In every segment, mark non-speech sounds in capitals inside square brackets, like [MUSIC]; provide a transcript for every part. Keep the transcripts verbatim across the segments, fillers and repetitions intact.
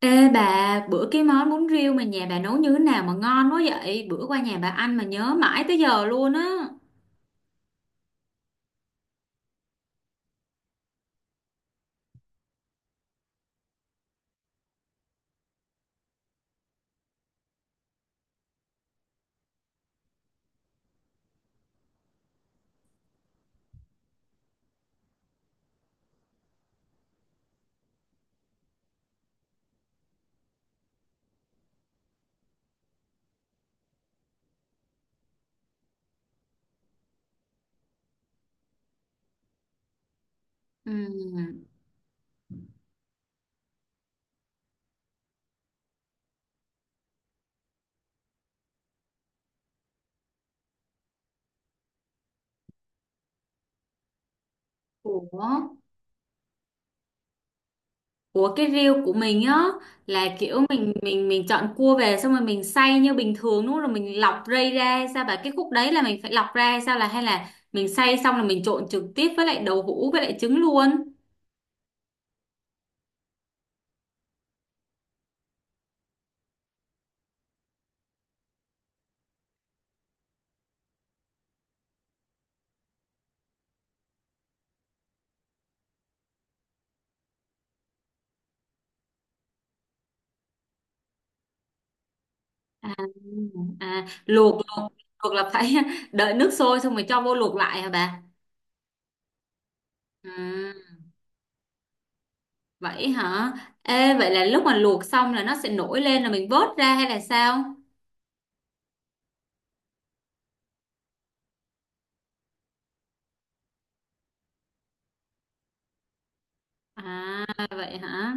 Ê bà, bữa cái món bún riêu mà nhà bà nấu như thế nào mà ngon quá vậy? Bữa qua nhà bà ăn mà nhớ mãi tới giờ luôn á. Ừm. Ủa? Ủa cái riêu của mình á là kiểu mình mình mình chọn cua về xong rồi mình xay như bình thường đúng không? Rồi mình lọc rây ra sao bà cái khúc đấy là mình phải lọc ra hay sao là hay là mình xay xong là mình trộn trực tiếp với lại đậu hũ với lại trứng luôn. À, à luộc luộc luộc là phải [LAUGHS] đợi nước sôi xong rồi cho vô luộc lại hả bà? Ừ. Vậy hả? Ê, vậy là lúc mà luộc xong là nó sẽ nổi lên là mình vớt ra hay là sao? À, vậy hả?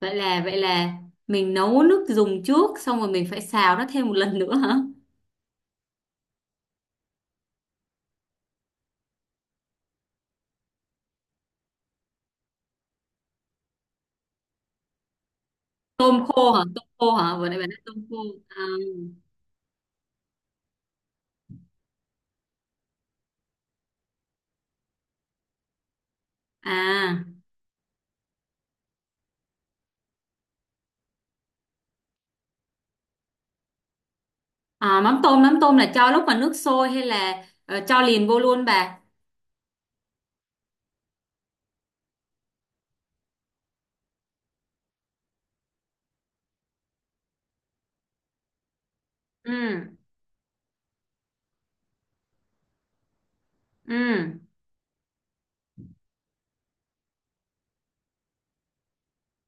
Vậy là vậy là mình nấu nước dùng trước xong rồi mình phải xào nó thêm một lần nữa hả? Tôm khô hả? Tôm khô hả? Vừa nãy bạn nói tôm khô. À, à, à mắm tôm, mắm tôm là cho lúc mà nước sôi hay là ờ, cho liền vô luôn bà? Ừ, ừ.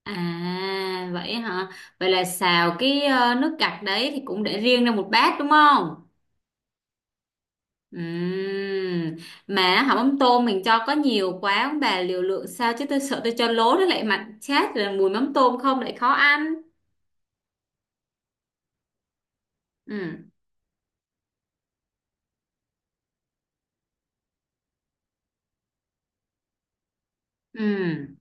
À, vậy hả? Vậy là xào cái ờ, nước cặp đấy thì cũng để riêng ra một bát đúng không? Ừm. Mà hả mắm tôm mình cho có nhiều quá ông bà liều lượng sao chứ tôi sợ tôi cho lố nó lại mặn chát rồi mùi mắm tôm không lại khó ăn. Ừm, ừm,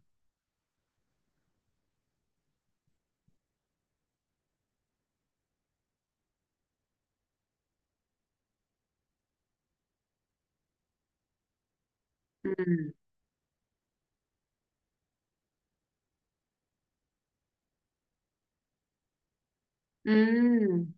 ừm, ừm.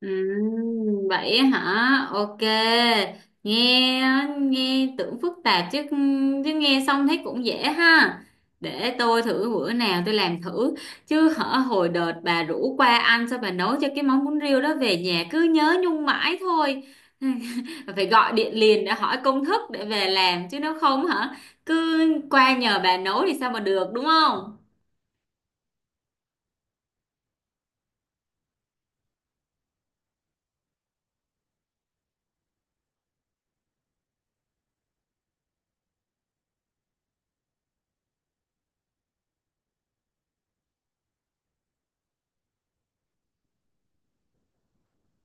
Ừm, vậy hả? Ok. Nghe nghe tưởng phức tạp chứ chứ nghe xong thấy cũng dễ ha. Để tôi thử bữa nào tôi làm thử. Chứ hở hồi đợt bà rủ qua ăn sao bà nấu cho cái món bún riêu đó về nhà cứ nhớ nhung mãi thôi. [LAUGHS] Phải gọi điện liền để hỏi công thức để về làm chứ nếu không hả cứ qua nhờ bà nấu thì sao mà được đúng không?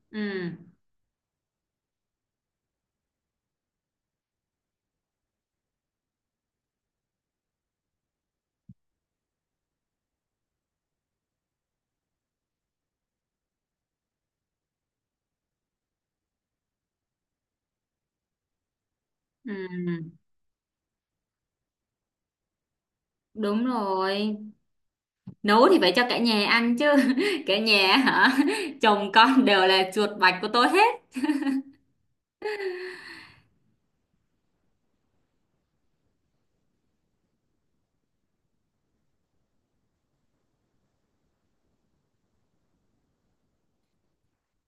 Ừ. Ừ. Đúng rồi. Nấu thì phải cho cả nhà ăn chứ. [LAUGHS] Cả nhà hả, chồng con đều là chuột bạch của tôi hết.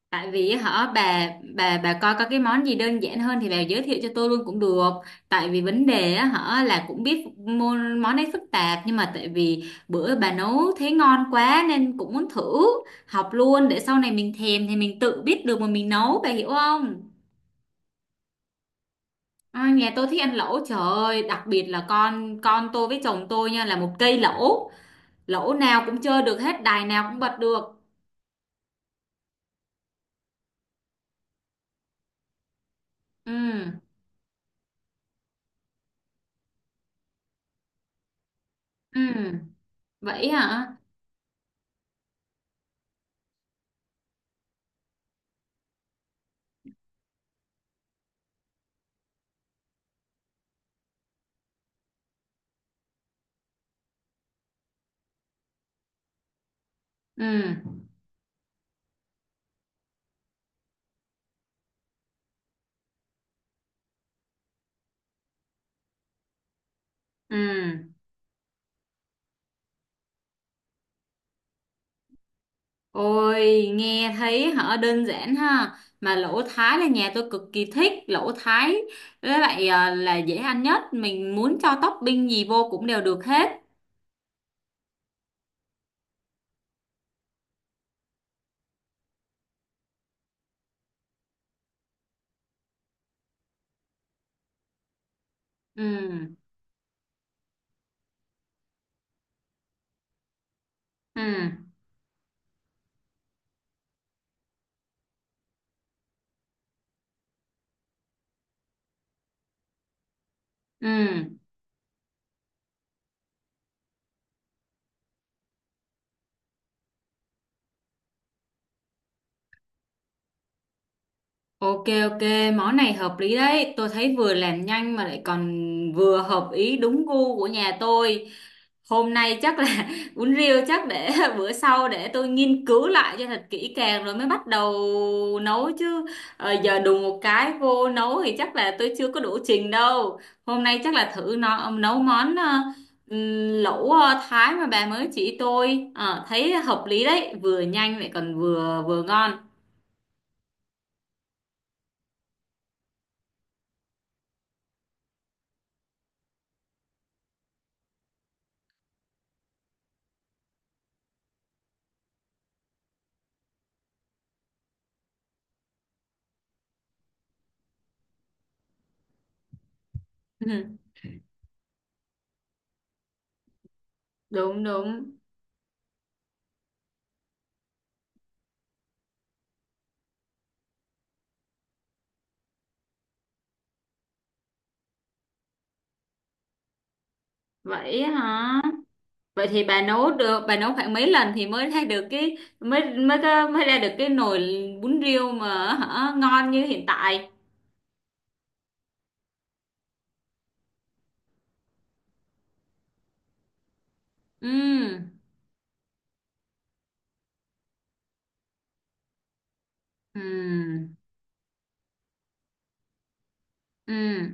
Tại vì hả bà, bà bà coi có cái món gì đơn giản hơn thì bà giới thiệu cho tôi luôn cũng được. Tại vì vấn đề á hả là cũng biết món món ấy phức tạp nhưng mà tại vì bữa bà nấu thấy ngon quá nên cũng muốn thử học luôn để sau này mình thèm thì mình tự biết được mà mình nấu bà hiểu không. À, nhà tôi thích ăn lẩu trời ơi đặc biệt là con con tôi với chồng tôi nha là một cây lẩu, lỗ nào cũng chơi được hết đài nào cũng bật được. Ừ, ừ, vậy hả, ừ, ừ. Ôi nghe thấy hả đơn giản ha, mà lỗ thái là nhà tôi cực kỳ thích lỗ thái với lại à, là dễ ăn nhất mình muốn cho topping gì vô cũng đều được hết. Ừ, ừ, ừ. Ok, ok, món này hợp lý đấy tôi thấy vừa làm nhanh mà lại còn vừa hợp ý đúng gu của nhà tôi. Hôm nay chắc là [LAUGHS] uống rượu chắc để [LAUGHS] bữa sau để tôi nghiên cứu lại cho thật kỹ càng rồi mới bắt đầu nấu chứ. Ờ, giờ đùng một cái vô nấu thì chắc là tôi chưa có đủ trình đâu. Hôm nay chắc là thử nó nấu món ờ, ừm, lẩu ờ, Thái mà bà mới chỉ tôi. Ờ, thấy hợp lý đấy vừa nhanh lại còn vừa vừa ngon. [LAUGHS] Đúng đúng, vậy hả. Vậy thì bà nấu được bà nấu khoảng mấy lần thì mới ra được cái mới mới có, mới ra được cái nồi bún riêu mà hả, ngon như hiện tại. Ừm, ừm, ừm,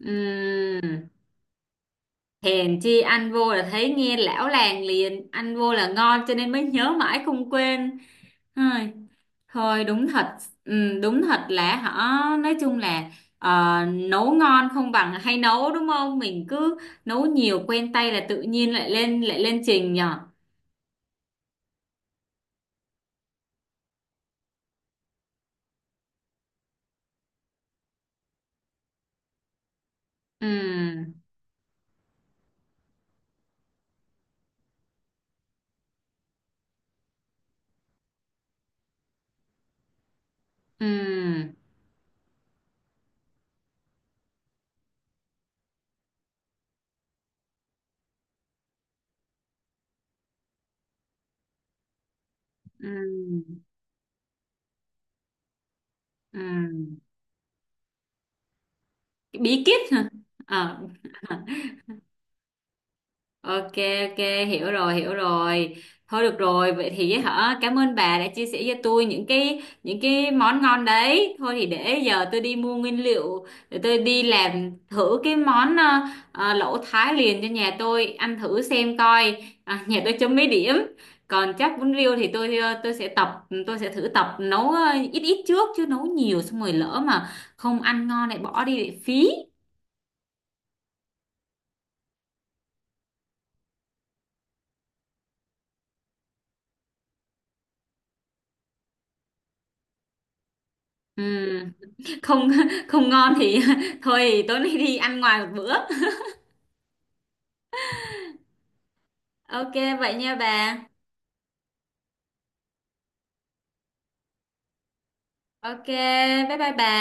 ừm. Hèn chi ăn vô là thấy nghe lão làng liền, ăn vô là ngon cho nên mới nhớ mãi không quên. Thôi, thôi đúng thật, ừm, đúng thật là họ nói chung là ờ, nấu ngon không bằng hay nấu đúng không? Mình cứ nấu nhiều quen tay là tự nhiên lại lên lại lên trình nhở. Ừ, ừ, ừ, ừ, bí kíp hả. Ờ, ok, ok, hiểu rồi hiểu rồi, thôi được rồi vậy thì hả cảm ơn bà đã chia sẻ cho tôi những cái những cái món ngon đấy thôi thì để giờ tôi đi mua nguyên liệu để tôi đi làm thử cái món ờ, ờ, lẩu Thái liền cho nhà tôi ăn thử xem coi à, nhà tôi chấm mấy điểm. Còn chắc bún riêu thì tôi ờ, tôi sẽ tập tôi sẽ thử tập nấu ờ, ít ít trước chứ nấu nhiều xong rồi lỡ mà không ăn ngon lại bỏ đi lại phí. Ừ, không [LAUGHS] không ngon thì [LAUGHS] thôi tối nay đi ăn ngoài một bữa. Ok, vậy nha bà. Ok, bye bye bà.